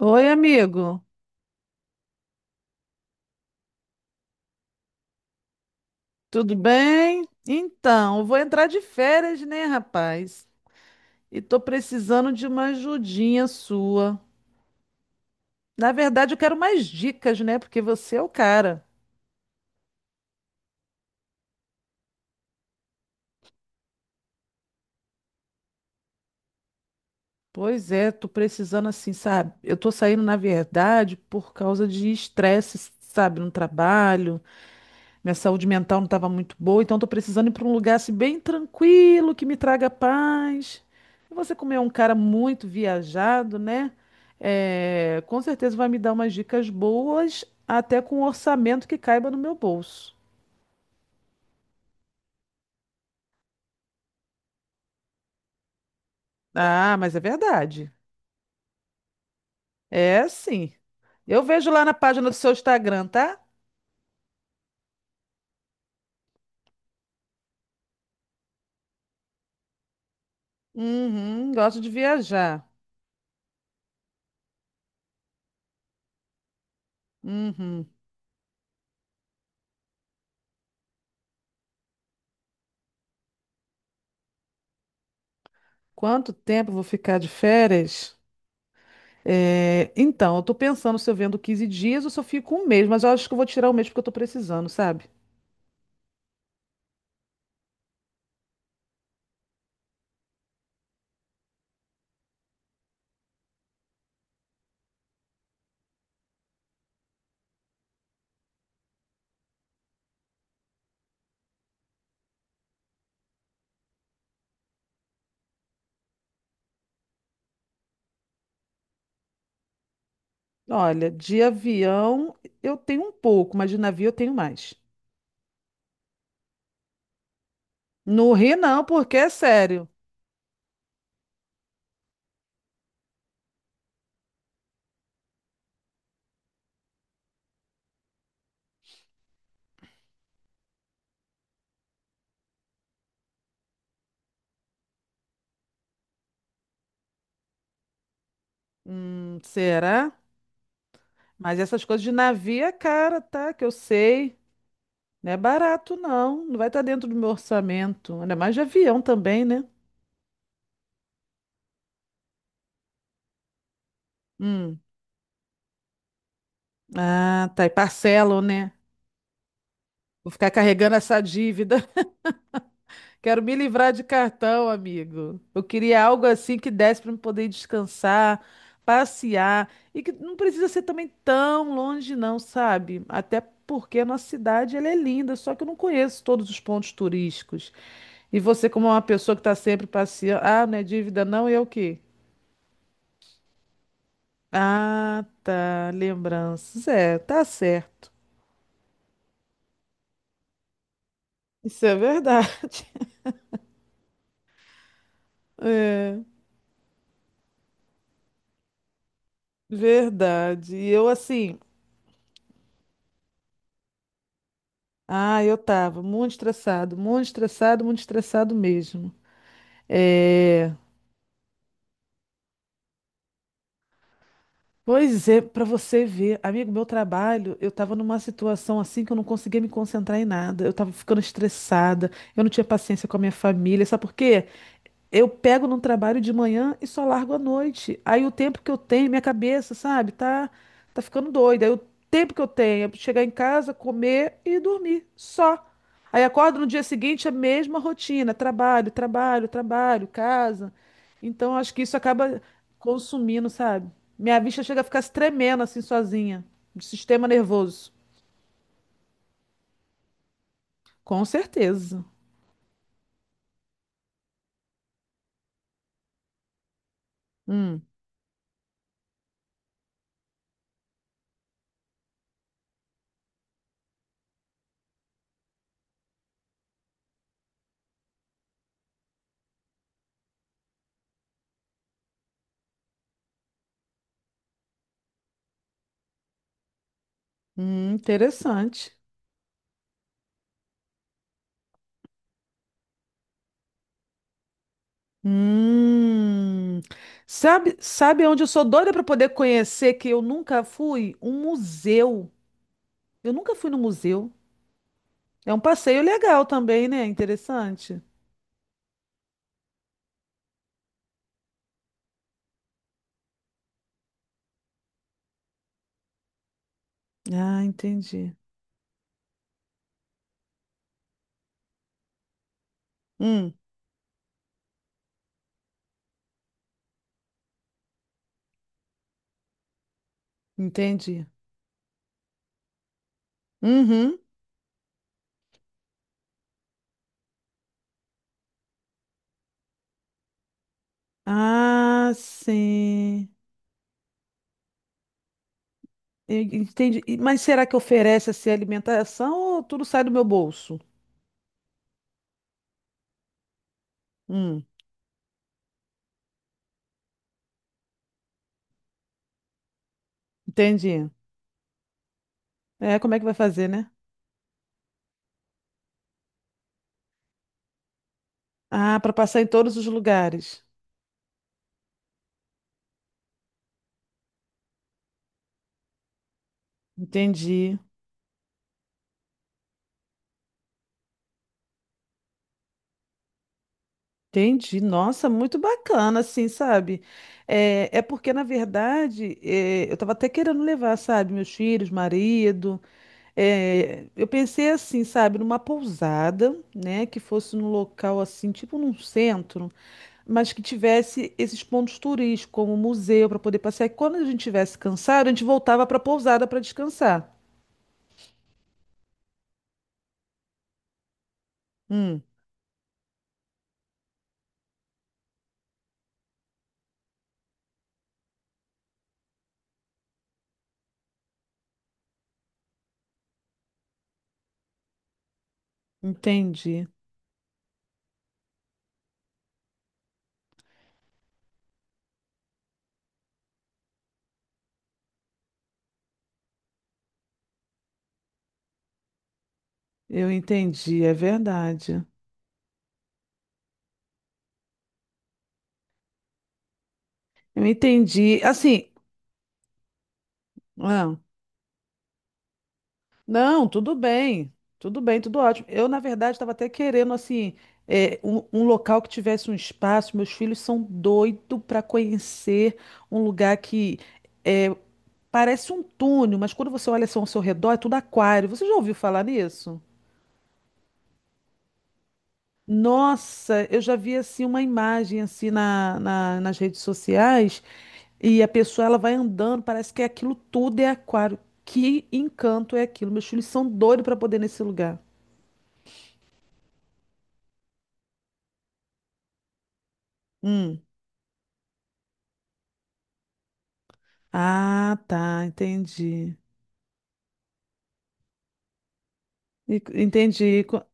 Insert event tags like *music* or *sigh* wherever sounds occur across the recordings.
Oi, amigo. Tudo bem? Então, eu vou entrar de férias, né, rapaz? E tô precisando de uma ajudinha sua. Na verdade, eu quero mais dicas, né? Porque você é o cara. Pois é, tô precisando assim, sabe? Eu tô saindo, na verdade, por causa de estresse, sabe, no trabalho. Minha saúde mental não estava muito boa, então estou precisando ir para um lugar assim, bem tranquilo, que me traga paz. E você, como é um cara muito viajado, né? É, com certeza vai me dar umas dicas boas, até com um orçamento que caiba no meu bolso. Ah, mas é verdade. É sim. Eu vejo lá na página do seu Instagram, tá? Uhum, gosto de viajar. Uhum. Quanto tempo eu vou ficar de férias? É, então, eu tô pensando se eu vendo 15 dias ou se eu fico um mês, mas eu acho que eu vou tirar um mês porque eu tô precisando, sabe? Olha, de avião eu tenho um pouco, mas de navio eu tenho mais. No Rio não, porque é sério. Será? Mas essas coisas de navio é cara, tá? Que eu sei. Não é barato, não. Não vai estar dentro do meu orçamento. Ainda mais de avião também, né? Hum. Ah, tá. E parcelam, né? Vou ficar carregando essa dívida. Quero me livrar de cartão, amigo. Eu queria algo assim que desse para eu poder descansar, passear e que não precisa ser também tão longe, não, sabe? Até porque a nossa cidade ela é linda, só que eu não conheço todos os pontos turísticos. E você, como é uma pessoa que está sempre passeando, ah, não é dívida, não, e é o quê? Ah, tá, lembranças. É, tá certo. Isso é verdade. *laughs* Verdade. E eu assim. Ah, eu tava muito estressado, muito estressado, muito estressado mesmo. É, pois é, pra você ver, amigo, meu trabalho, eu tava numa situação assim que eu não conseguia me concentrar em nada. Eu tava ficando estressada, eu não tinha paciência com a minha família, sabe por quê? Eu pego num trabalho de manhã e só largo à noite. Aí o tempo que eu tenho, minha cabeça, sabe, tá ficando doida. Aí o tempo que eu tenho é chegar em casa, comer e dormir, só. Aí acordo no dia seguinte, a mesma rotina, trabalho, trabalho, trabalho, casa. Então acho que isso acaba consumindo, sabe? Minha vista chega a ficar se tremendo assim sozinha, do sistema nervoso. Com certeza. Hum, interessante. Hum, sabe onde eu sou doida para poder conhecer que eu nunca fui? Um museu. Eu nunca fui no museu. É um passeio legal também, né? Interessante. Ah, entendi. Hum, entendi. Uhum. Ah, sim. Eu entendi. Mas será que oferece essa alimentação ou tudo sai do meu bolso? Hum, entendi. É, como é que vai fazer, né? Ah, para passar em todos os lugares. Entendi. Entendi. Nossa, muito bacana, assim, sabe? É porque, na verdade, é, eu tava até querendo levar, sabe, meus filhos, marido. É, eu pensei assim, sabe, numa pousada, né, que fosse num local assim, tipo num centro, mas que tivesse esses pontos turísticos, como museu, para poder passear. E quando a gente tivesse cansado, a gente voltava para a pousada para descansar. Hum, entendi. Eu entendi, é verdade. Eu entendi. Assim, ah. Não, tudo bem, tudo bem, tudo ótimo. Eu, na verdade, estava até querendo, assim, é, um local que tivesse um espaço. Meus filhos são doidos para conhecer um lugar que é, parece um túnel, mas quando você olha assim ao seu redor, é tudo aquário. Você já ouviu falar nisso? Nossa, eu já vi assim uma imagem assim nas redes sociais e a pessoa ela vai andando, parece que é aquilo tudo é aquário. Que encanto é aquilo? Meus filhos são doidos para poder ir nesse lugar. Hum. Ah, tá, entendi. E- Entendi. Co-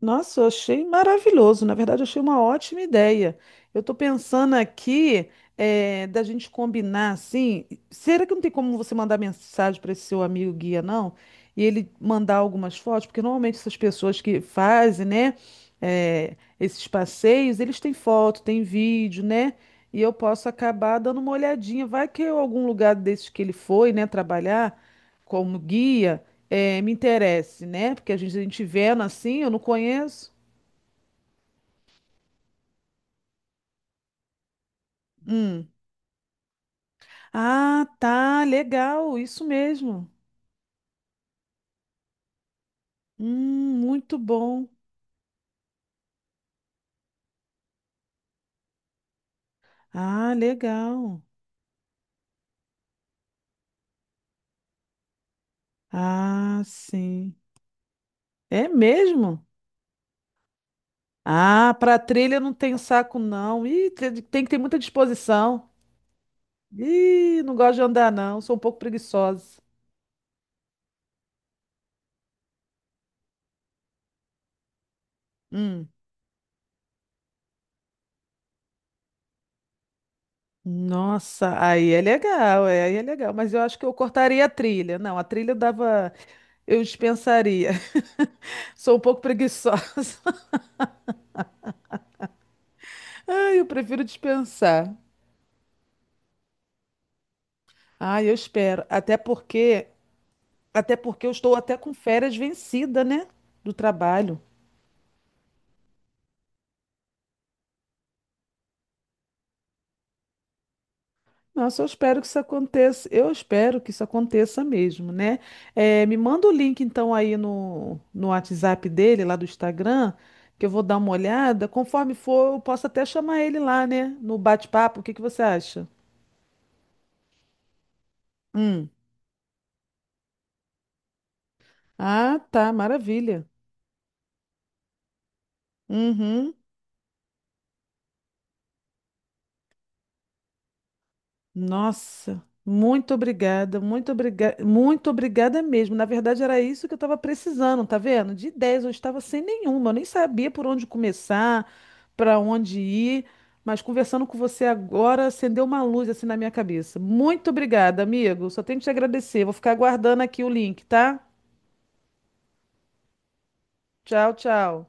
Nossa, eu achei maravilhoso. Na verdade, eu achei uma ótima ideia. Eu estou pensando aqui da gente combinar assim. Será que não tem como você mandar mensagem para esse seu amigo guia, não? E ele mandar algumas fotos? Porque normalmente essas pessoas que fazem, né, esses passeios, eles têm foto, têm vídeo, né? E eu posso acabar dando uma olhadinha. Vai que eu, algum lugar desses que ele foi, né, trabalhar como guia é, me interesse, né? Porque a gente vendo assim, eu não conheço. Hum. Ah, tá, legal, isso mesmo. Muito bom. Ah, legal. Ah, sim. É mesmo? Ah, para trilha eu não tenho saco, não. Ih, tem que ter muita disposição. Ih, não gosto de andar, não. Sou um pouco preguiçosa. Hum. Nossa, aí é legal, é, aí é legal. Mas eu acho que eu cortaria a trilha. Não, a trilha eu dava, eu dispensaria. Sou um pouco preguiçosa. *laughs* Ai, eu prefiro dispensar. Ai, eu espero. Até porque eu estou até com férias vencida, né? Do trabalho. Nossa, eu espero que isso aconteça. Eu espero que isso aconteça mesmo, né? É, me manda o link então aí no WhatsApp dele, lá do Instagram, que eu vou dar uma olhada. Conforme for, eu posso até chamar ele lá, né? No bate-papo. O que que você acha? Hum. Ah, tá, maravilha. Uhum. Nossa, muito obrigada, muito obrigada, muito obrigada mesmo. Na verdade, era isso que eu estava precisando, tá vendo? De ideias, eu estava sem nenhuma, eu nem sabia por onde começar, para onde ir, mas conversando com você agora acendeu uma luz assim na minha cabeça. Muito obrigada, amigo. Só tenho que te agradecer. Vou ficar aguardando aqui o link, tá? Tchau, tchau.